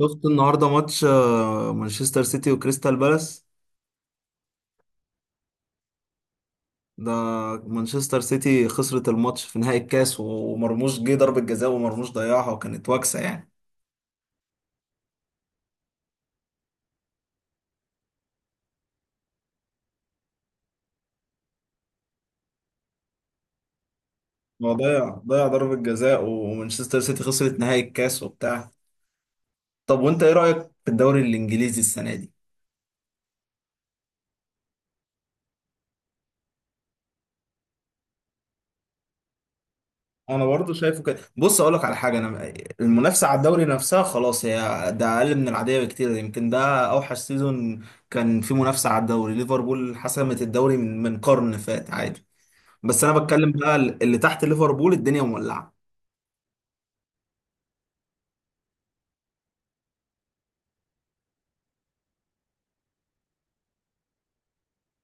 شفت النهارده ماتش مانشستر سيتي وكريستال بالاس. ده مانشستر سيتي خسرت الماتش في نهائي الكاس ومرموش جه ضربة جزاء ومرموش ضيعها وكانت واكسة يعني. هو ضيع ضربة جزاء ومانشستر سيتي خسرت نهائي الكاس وبتاع. طب وانت ايه رأيك في الدوري الانجليزي السنة دي؟ انا برضو شايفه كده، بص اقول لك على حاجه. انا المنافسه على الدوري نفسها خلاص هي ده اقل من العاديه بكتير، يمكن ده اوحش سيزون كان في منافسه على الدوري. ليفربول حسمت الدوري من قرن فات عادي، بس انا بتكلم بقى اللي تحت ليفربول الدنيا مولعه.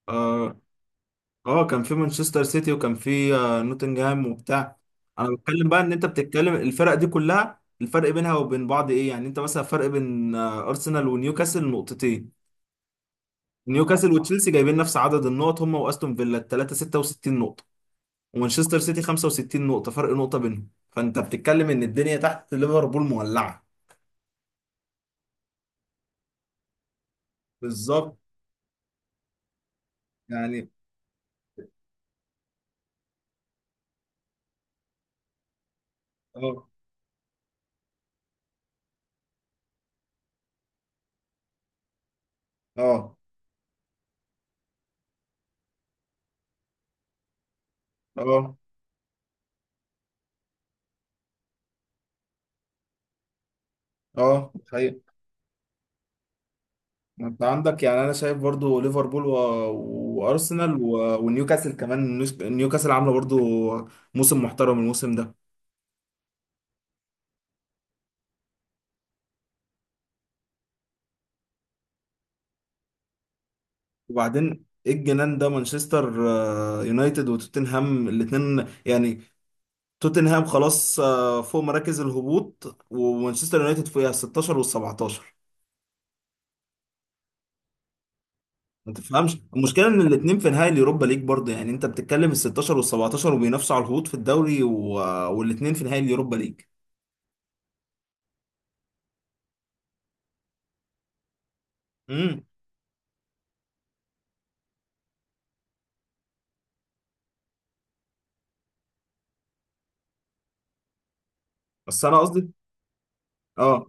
اه اه، كان في مانشستر سيتي وكان في نوتنجهام وبتاع. انا بتكلم بقى ان انت بتتكلم الفرق دي كلها الفرق بينها وبين بعض ايه؟ يعني انت مثلا فرق بين ارسنال ونيوكاسل نقطتين، نيوكاسل وتشيلسي جايبين نفس عدد النقط هم واستون فيلا الثلاثه 66 نقطه، ومانشستر سيتي 65 نقطه، فرق نقطه بينهم. فانت بتتكلم ان الدنيا تحت ليفربول مولعه. بالظبط يعني. اه اه اه اه، انت عندك يعني انا شايف برضو ليفربول و... وارسنال و... ونيوكاسل كمان. نيوكاسل عامله برضو موسم محترم الموسم ده. وبعدين ايه الجنان ده؟ مانشستر يونايتد وتوتنهام الاتنين يعني توتنهام خلاص فوق مراكز الهبوط، ومانشستر يونايتد فوقها، 16 وال 17. ما تفهمش المشكله ان الاتنين في نهائي اليوروبا ليج برضه؟ يعني انت بتتكلم ال 16 وال 17 وبينافسوا على الهبوط في الدوري و... والاتنين في نهائي اليوروبا ليج. امم بس انا قصدي. اه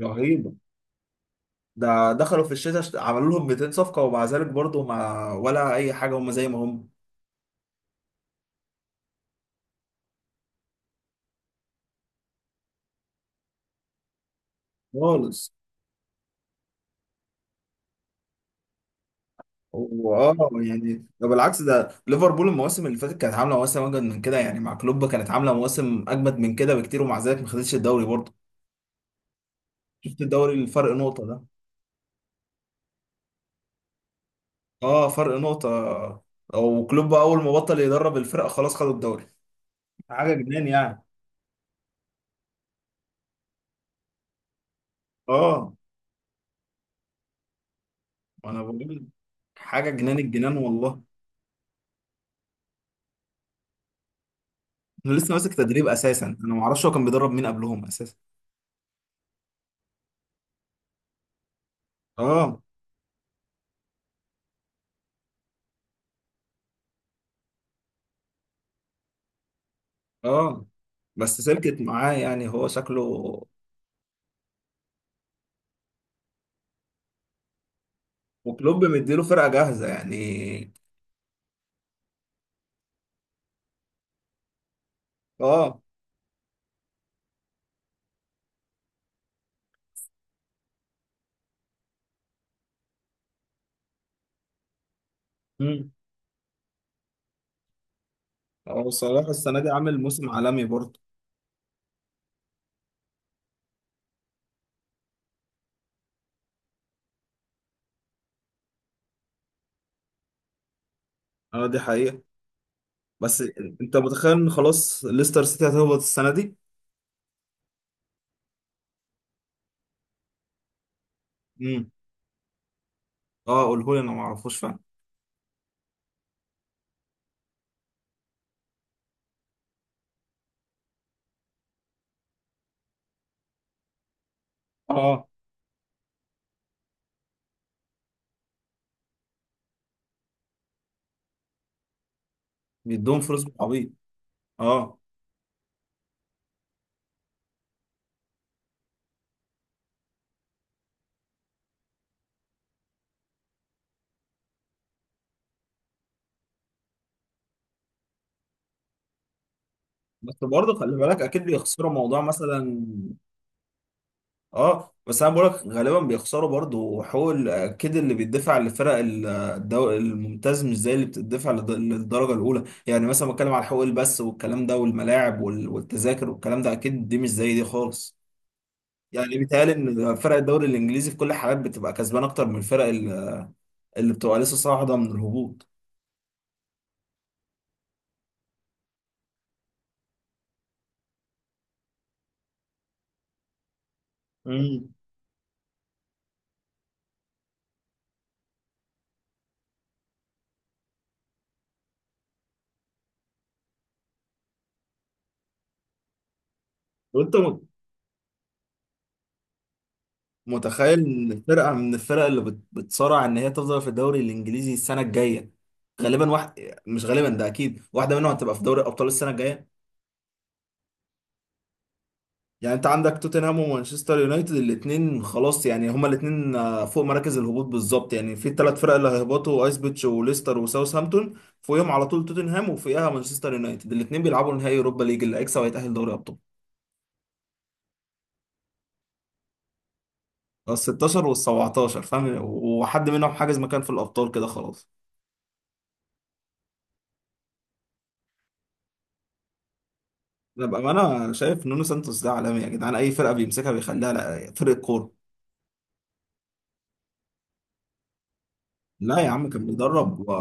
رهيبه. ده دخلوا في الشتاء عملوا لهم 200 صفقه ومع ذلك برضه ما ولا اي حاجه، هم زي ما هم خالص. واه، يعني ده بالعكس، ده ليفربول المواسم اللي فاتت كانت عامله مواسم اجمد من كده، يعني مع كلوب كانت عامله مواسم اجمد من كده بكتير ومع ذلك ما خدتش الدوري برضه. شفت الدوري؟ الفرق نقطه ده. اه فرق نقطه. وكلوب اول ما بطل يدرب الفرقه خلاص خدوا الدوري، حاجه جنان يعني. اه انا بقول حاجه جنان، الجنان والله. انا لسه ماسك تدريب اساسا، انا ما اعرفش هو كان بيدرب مين قبلهم اساسا. اه اه، بس سلكت معاه يعني، هو شكله. وكلوب مديله فرقة جاهزة يعني. اه. امم هو صلاح السنة دي عامل موسم عالمي برضه. اه دي حقيقة. بس انت متخيل ان خلاص ليستر سيتي هتهبط السنة دي؟ امم. اه قولهولي، انا ما اعرفوش فعلا. اه بيدوهم فلوس بالعبيط. اه بس برضه خلي بالك، اكيد بيخسروا موضوع مثلا. اه بس انا بقولك غالبا بيخسروا برضو، وحقوق اكيد اللي بيدفع الممتاز مش زي اللي بتدفع للدرجه الاولى. يعني مثلا بتكلم على حقوق البث والكلام ده والملاعب والتذاكر والكلام ده، اكيد دي مش زي دي خالص. يعني بيتهيألي ان فرق الدوري الانجليزي في كل الحالات بتبقى كسبان اكتر من اللي بتبقى لسه صاعده من الهبوط. امم. وانت متخيل ان فرقه من الفرق اللي بتصارع ان هي تفضل في الدوري الانجليزي السنه الجايه، غالبا واحد، مش غالبا ده اكيد، واحده منهم هتبقى في دوري الابطال السنه الجايه؟ يعني انت عندك توتنهام ومانشستر يونايتد الاثنين خلاص، يعني هما الاثنين فوق مراكز الهبوط بالظبط. يعني في الثلاث فرق اللي هيهبطوا ايسبيتش وليستر وساوثهامبتون، فوقيهم على طول توتنهام وفوقيها مانشستر يونايتد، الاثنين بيلعبوا نهائي اوروبا ليج، اللي هيكسب هيتاهل دوري ابطال. ال 16 وال 17 فاهم، وحد منهم حاجز مكان في الابطال كده خلاص. لا بقى، انا شايف نونو سانتوس ده عالمي يا جدعان، اي فرقه بيمسكها بيخليها فرقه كوره. لا يا عم كان بيدرب و...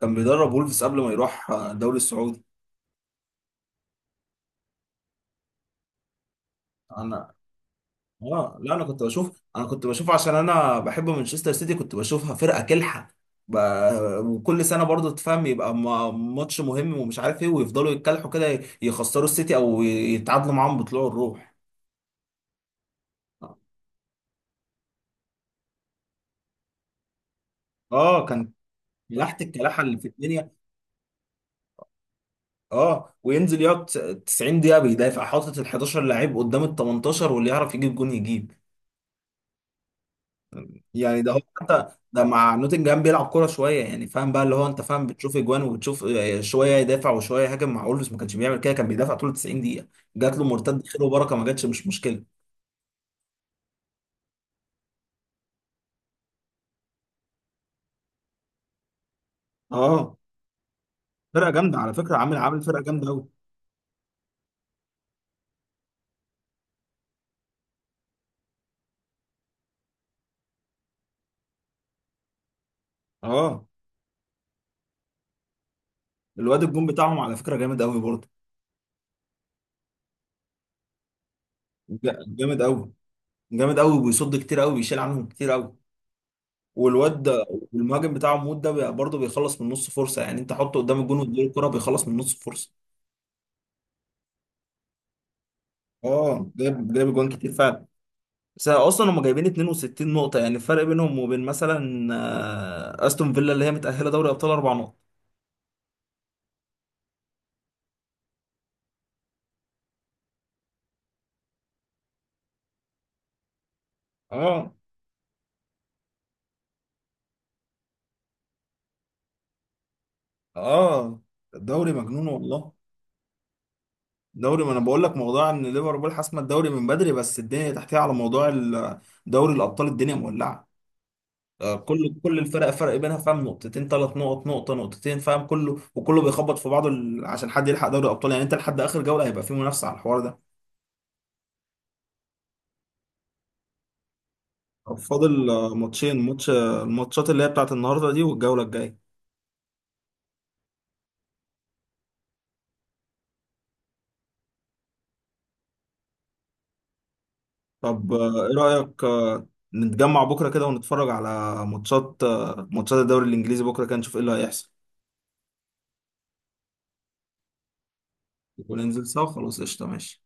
كان بيدرب وولفز قبل ما يروح الدوري السعودي. انا اه، لا انا كنت بشوف، انا كنت بشوف عشان انا بحب مانشستر سيتي، كنت بشوفها فرقه كلحه. ب... وكل سنه برضو تفهم يبقى ماتش مهم ومش عارف ايه، ويفضلوا يتكلحوا كده يخسروا السيتي او يتعادلوا معاهم بطلوع الروح. اه كان لحت الكلاحه اللي في الدنيا. اه وينزل يقعد 90 دقيقة بيدافع، حاطط ال 11 لعيب قدام ال 18، واللي يعرف يجيب جون يجيب. يعني ده هو، حتى ده مع نوتنجهام بيلعب كورة شوية يعني فاهم بقى، اللي هو انت فاهم بتشوف اجوان وبتشوف شوية يدافع وشوية يهاجم. مع اولمز ما كانش بيعمل كده، كان بيدافع طول 90 دقيقة. جات له مرتد خير وبركة، ما جاتش مش مشكلة. اه فرقة جامدة على فكرة، عامل عامل فرقة جامدة قوي. اه الواد الجون بتاعهم على فكرة جامد قوي برضه. جامد قوي، جامد قوي وبيصد كتير قوي، بيشيل عنهم كتير قوي. والواد ده، والمهاجم بتاعه موت ده برضه بيخلص من نص فرصه، يعني انت حطه قدام الجون واديله الكره بيخلص من نص فرصه. اه جايب جايب جوان كتير فعلا. بس اصلا هم جايبين 62 نقطه، يعني الفرق بينهم وبين مثلا استون فيلا اللي هي متاهله دوري ابطال اربع نقط. اه اه. الدوري مجنون والله. دوري، ما انا بقول لك موضوع ان ليفربول حاسمه الدوري من بدري، بس الدنيا تحتها على موضوع دوري الابطال الدنيا مولعه. كل كل الفرق فرق بينها فاهم نقطتين ثلاث نقط نقطة نقطتين، فاهم كله وكله بيخبط في بعضه عشان حد يلحق دوري الأبطال، يعني أنت لحد آخر جولة هيبقى في منافسة على الحوار ده. طب فاضل ماتشين ماتش الماتشات اللي هي بتاعت النهاردة دي والجولة الجاية. طب إيه رأيك نتجمع بكرة كده ونتفرج على ماتشات ماتشات الدوري الإنجليزي بكرة كده، نشوف إيه اللي هيحصل وننزل سوا. خلاص قشطة ماشي.